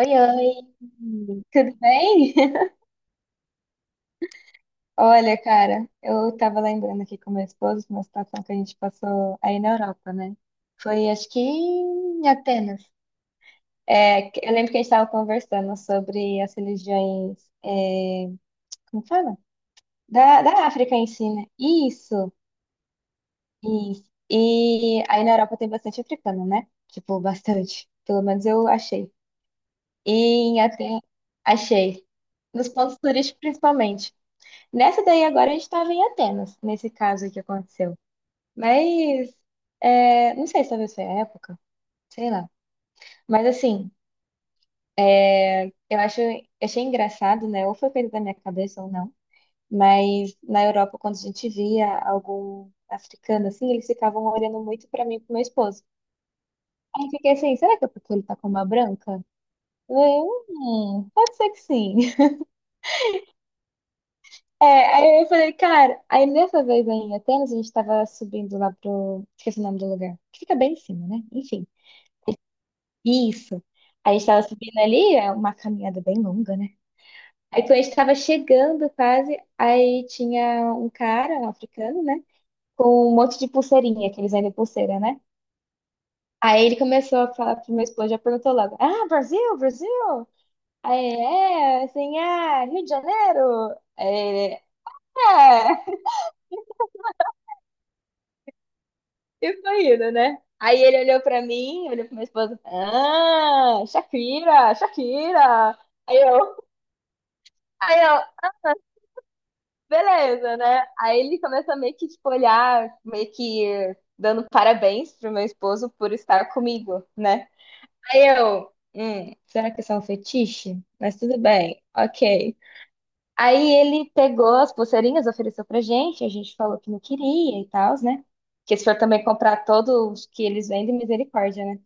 Oi, oi, tudo bem? Olha, cara, eu tava lembrando aqui com meu esposo de uma situação que a gente passou aí na Europa, né? Foi, acho que em Atenas. Eu lembro que a gente tava conversando sobre as religiões, é, como fala? Da África em si, né? Isso, isso. E aí na Europa tem bastante africano, né? Tipo, bastante. Pelo menos eu achei. E em Atenas, achei. Nos pontos turísticos, principalmente. Nessa daí agora a gente estava em Atenas, nesse caso aí que aconteceu. Mas não sei se talvez foi a época, sei lá. Mas assim, é, eu acho, achei engraçado, né? Ou foi coisa da minha cabeça ou não. Mas na Europa, quando a gente via algum africano assim, eles ficavam olhando muito pra mim e pro meu esposo. Aí eu fiquei assim, será que é porque ele tá com uma branca? Eu, pode ser que sim. Aí eu falei, cara, aí nessa vez aí em Atenas, a gente tava subindo lá pro. Esqueci o nome do lugar. Que fica bem em cima, né? Enfim. Isso. Aí a gente tava subindo ali, é uma caminhada bem longa, né? Aí quando a gente tava chegando quase, aí tinha um cara, um africano, né? Com um monte de pulseirinha, que eles vendem pulseira, né? Aí ele começou a falar pro meu esposo, já perguntou logo: Ah, Brasil, Brasil! Aí, ele, assim, ah, Rio de Janeiro! Aí, ele, é. E foi indo, né? Aí ele olhou pra mim, olhou pra minha esposa. Ah, Shakira, Shakira. Aí eu, aí eu, beleza, né? Aí ele começa meio que, tipo, olhar, meio que dando parabéns pro meu esposo por estar comigo, né? Aí eu, será que isso é um fetiche? Mas tudo bem, ok. Aí ele pegou as pulseirinhas, ofereceu pra gente, a gente falou que não queria e tal, né? Que se for também comprar todos que eles vendem, misericórdia, né?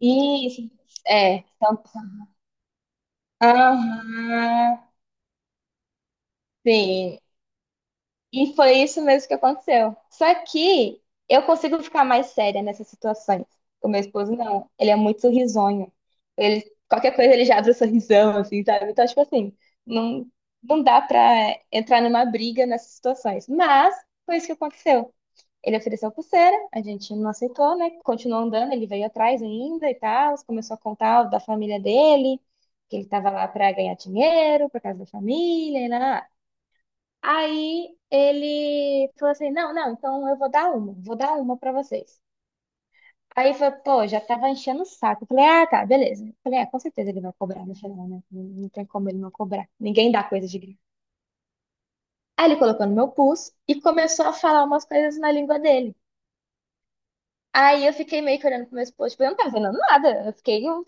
Isso, é. São- Aham, sim. E foi isso mesmo que aconteceu. Só que eu consigo ficar mais séria nessas situações. O meu esposo não. Ele é muito sorrisonho. Ele, qualquer coisa ele já abre o sorrisão, assim, sabe? Então, tipo assim, não, não dá pra entrar numa briga nessas situações. Mas foi isso que aconteceu. Ele ofereceu pulseira, a gente não aceitou, né? Continuou andando, ele veio atrás ainda e tal, começou a contar da família dele, que ele estava lá para ganhar dinheiro, por causa da família, e lá, lá, lá. Aí ele falou assim: "Não, não, então eu vou dar uma para vocês". Aí eu falei, pô, já tava enchendo o saco. Eu falei, ah, tá, beleza. Eu falei, ah, com certeza ele vai cobrar no final, né? Não tem como ele não cobrar. Ninguém dá coisa de graça. Aí ele colocou no meu pulso e começou a falar umas coisas na língua dele. Aí eu fiquei meio que olhando pro meu esposo, tipo, eu não tava vendo nada.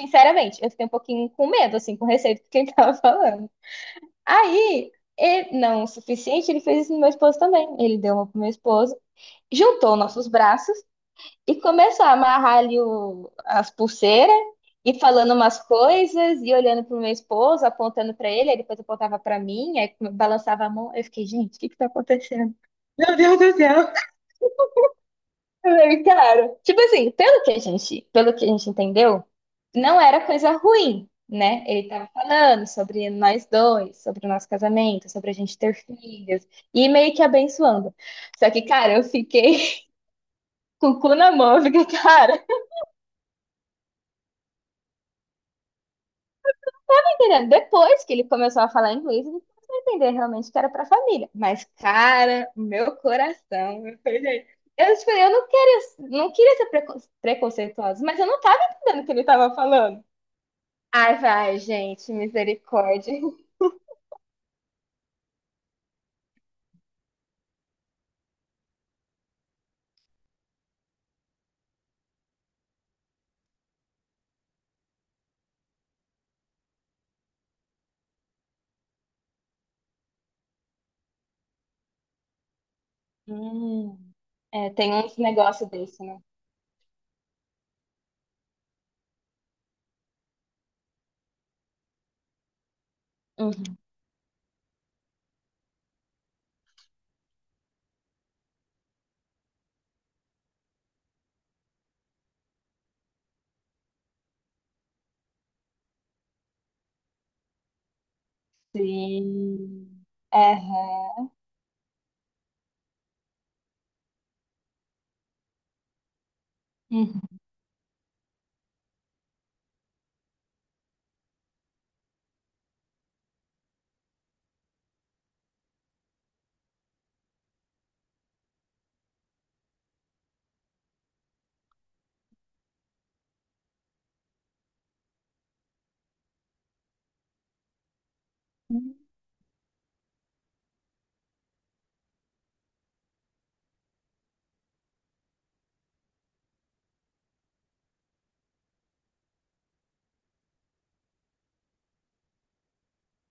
Sinceramente, eu fiquei um pouquinho com medo, assim, com receio do que ele tava falando. Aí, ele, não o suficiente, ele fez isso no meu esposo também. Ele deu uma pro meu esposo, juntou nossos braços e começou a amarrar ali o, as pulseiras e falando umas coisas e olhando pro meu esposo, apontando pra ele, aí depois apontava pra mim, aí balançava a mão. Eu fiquei, gente, o que que tá acontecendo? Bem, cara, tipo assim, pelo que a gente entendeu, não era coisa ruim, né? Ele tava falando sobre nós dois, sobre o nosso casamento, sobre a gente ter filhos, e meio que abençoando. Só que, cara, eu fiquei com o cu na mão, eu fiquei, cara, tá entendendo? Depois que ele começou a falar inglês, ele começou a entender realmente que era pra família. Mas, cara, o meu coração, eu falei, gente, eu, tipo, eu não queria, não queria ser preconceituosa, mas eu não tava entendendo o que ele tava falando. Ai, vai, gente, misericórdia. Hum, É, tem uns negócios desse, né? Uhum. Sim. Aham. Uhum.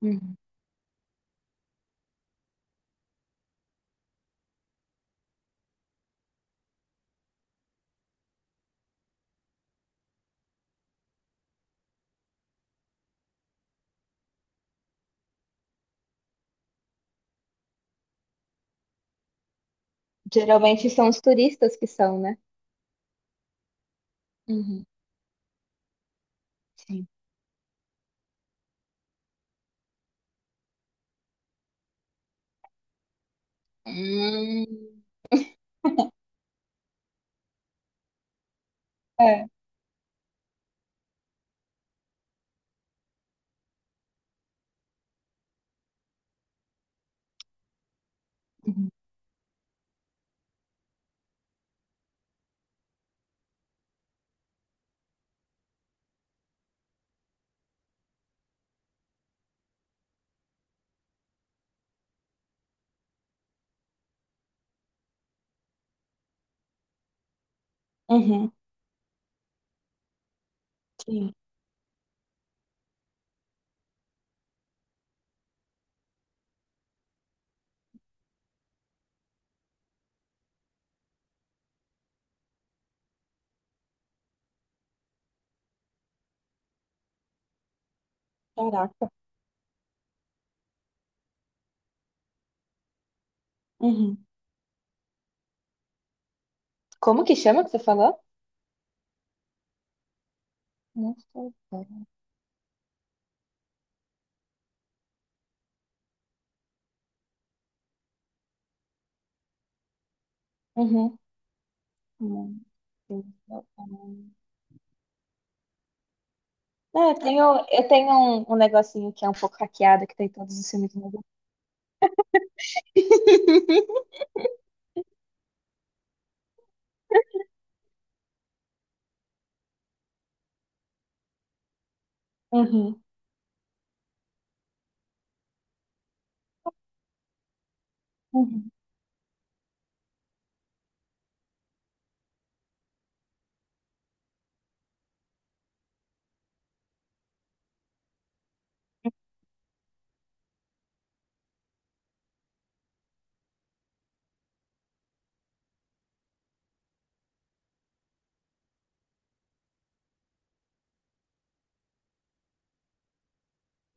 Uhum. Geralmente são os turistas que são, né? Uhum. Sim. Hum. É. Uhum. Uhum. Sim. Caraca. Uhum. Como que chama que você falou? Não sei, cara. Uhum. Não sei. Não, é, eu tenho um, um negocinho que é um pouco hackeado, que tem todos os filmes do mundo. Uhum, uhum,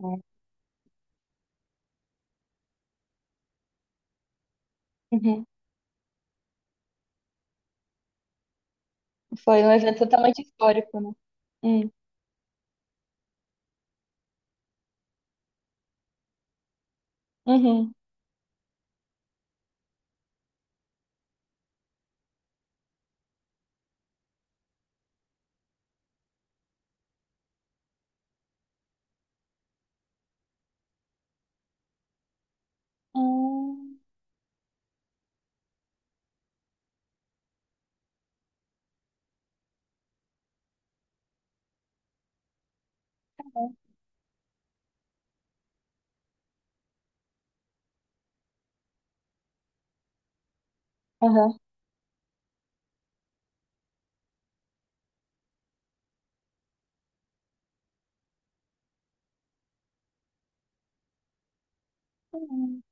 é. Uhum. Foi um evento totalmente histórico, né? Hum, uhum. Hum, aham. Hum,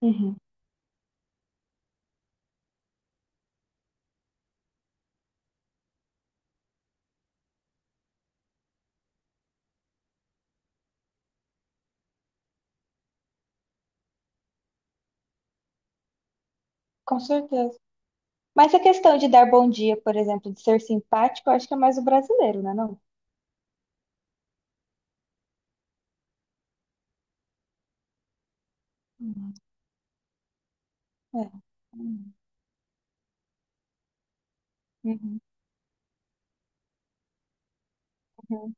uhum. Com certeza. Mas a questão de dar bom dia, por exemplo, de ser simpático, eu acho que é mais o brasileiro, né, não? Uhum. É. Uhum. Uhum. Uhum.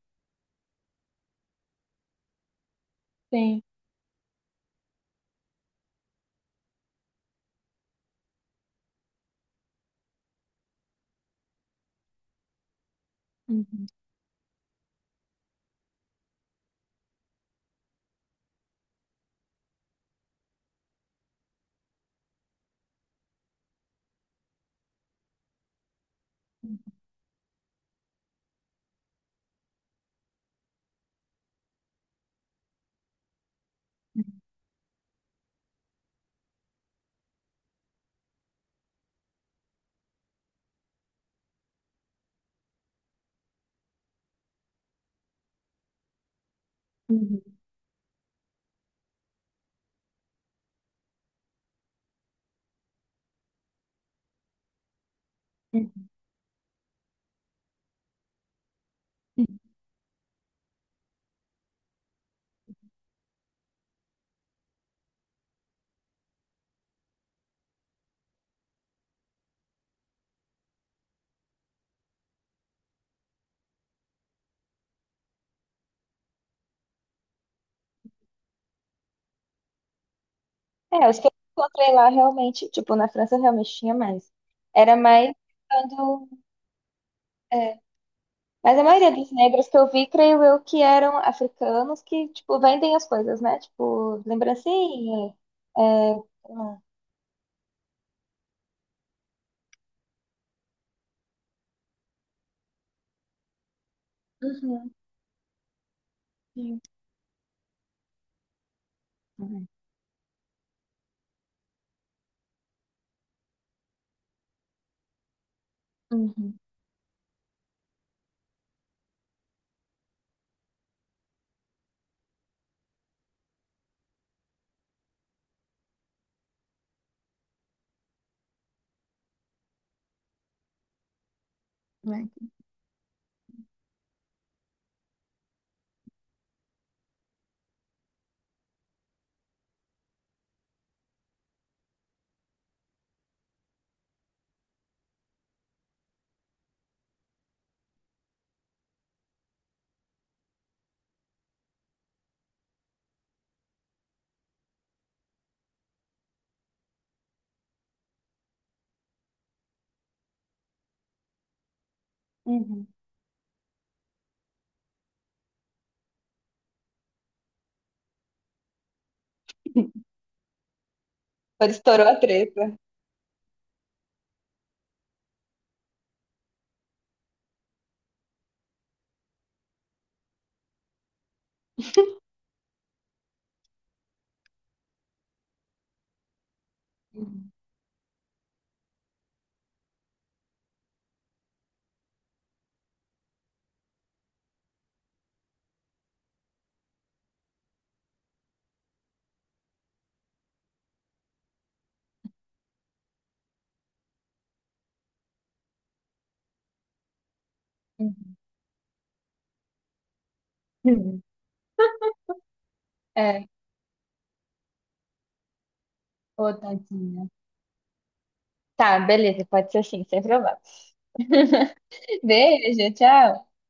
Sim. Uhum. Uhum. Uhum. Uhum. É, os que eu encontrei lá realmente, tipo, na França realmente tinha mais. Era mais quando. É, mas a maioria dos negros que eu vi, creio eu, que eram africanos que, tipo, vendem as coisas, né? Tipo, lembrancinha. Uhum, sim. Uhum. Uhum, né? Uhum. Quando estourou a treta. Uhum. Uhum. Uhum. É, ô, tadinha. Tá, beleza, pode ser assim, sem problema. Beijo, tchau.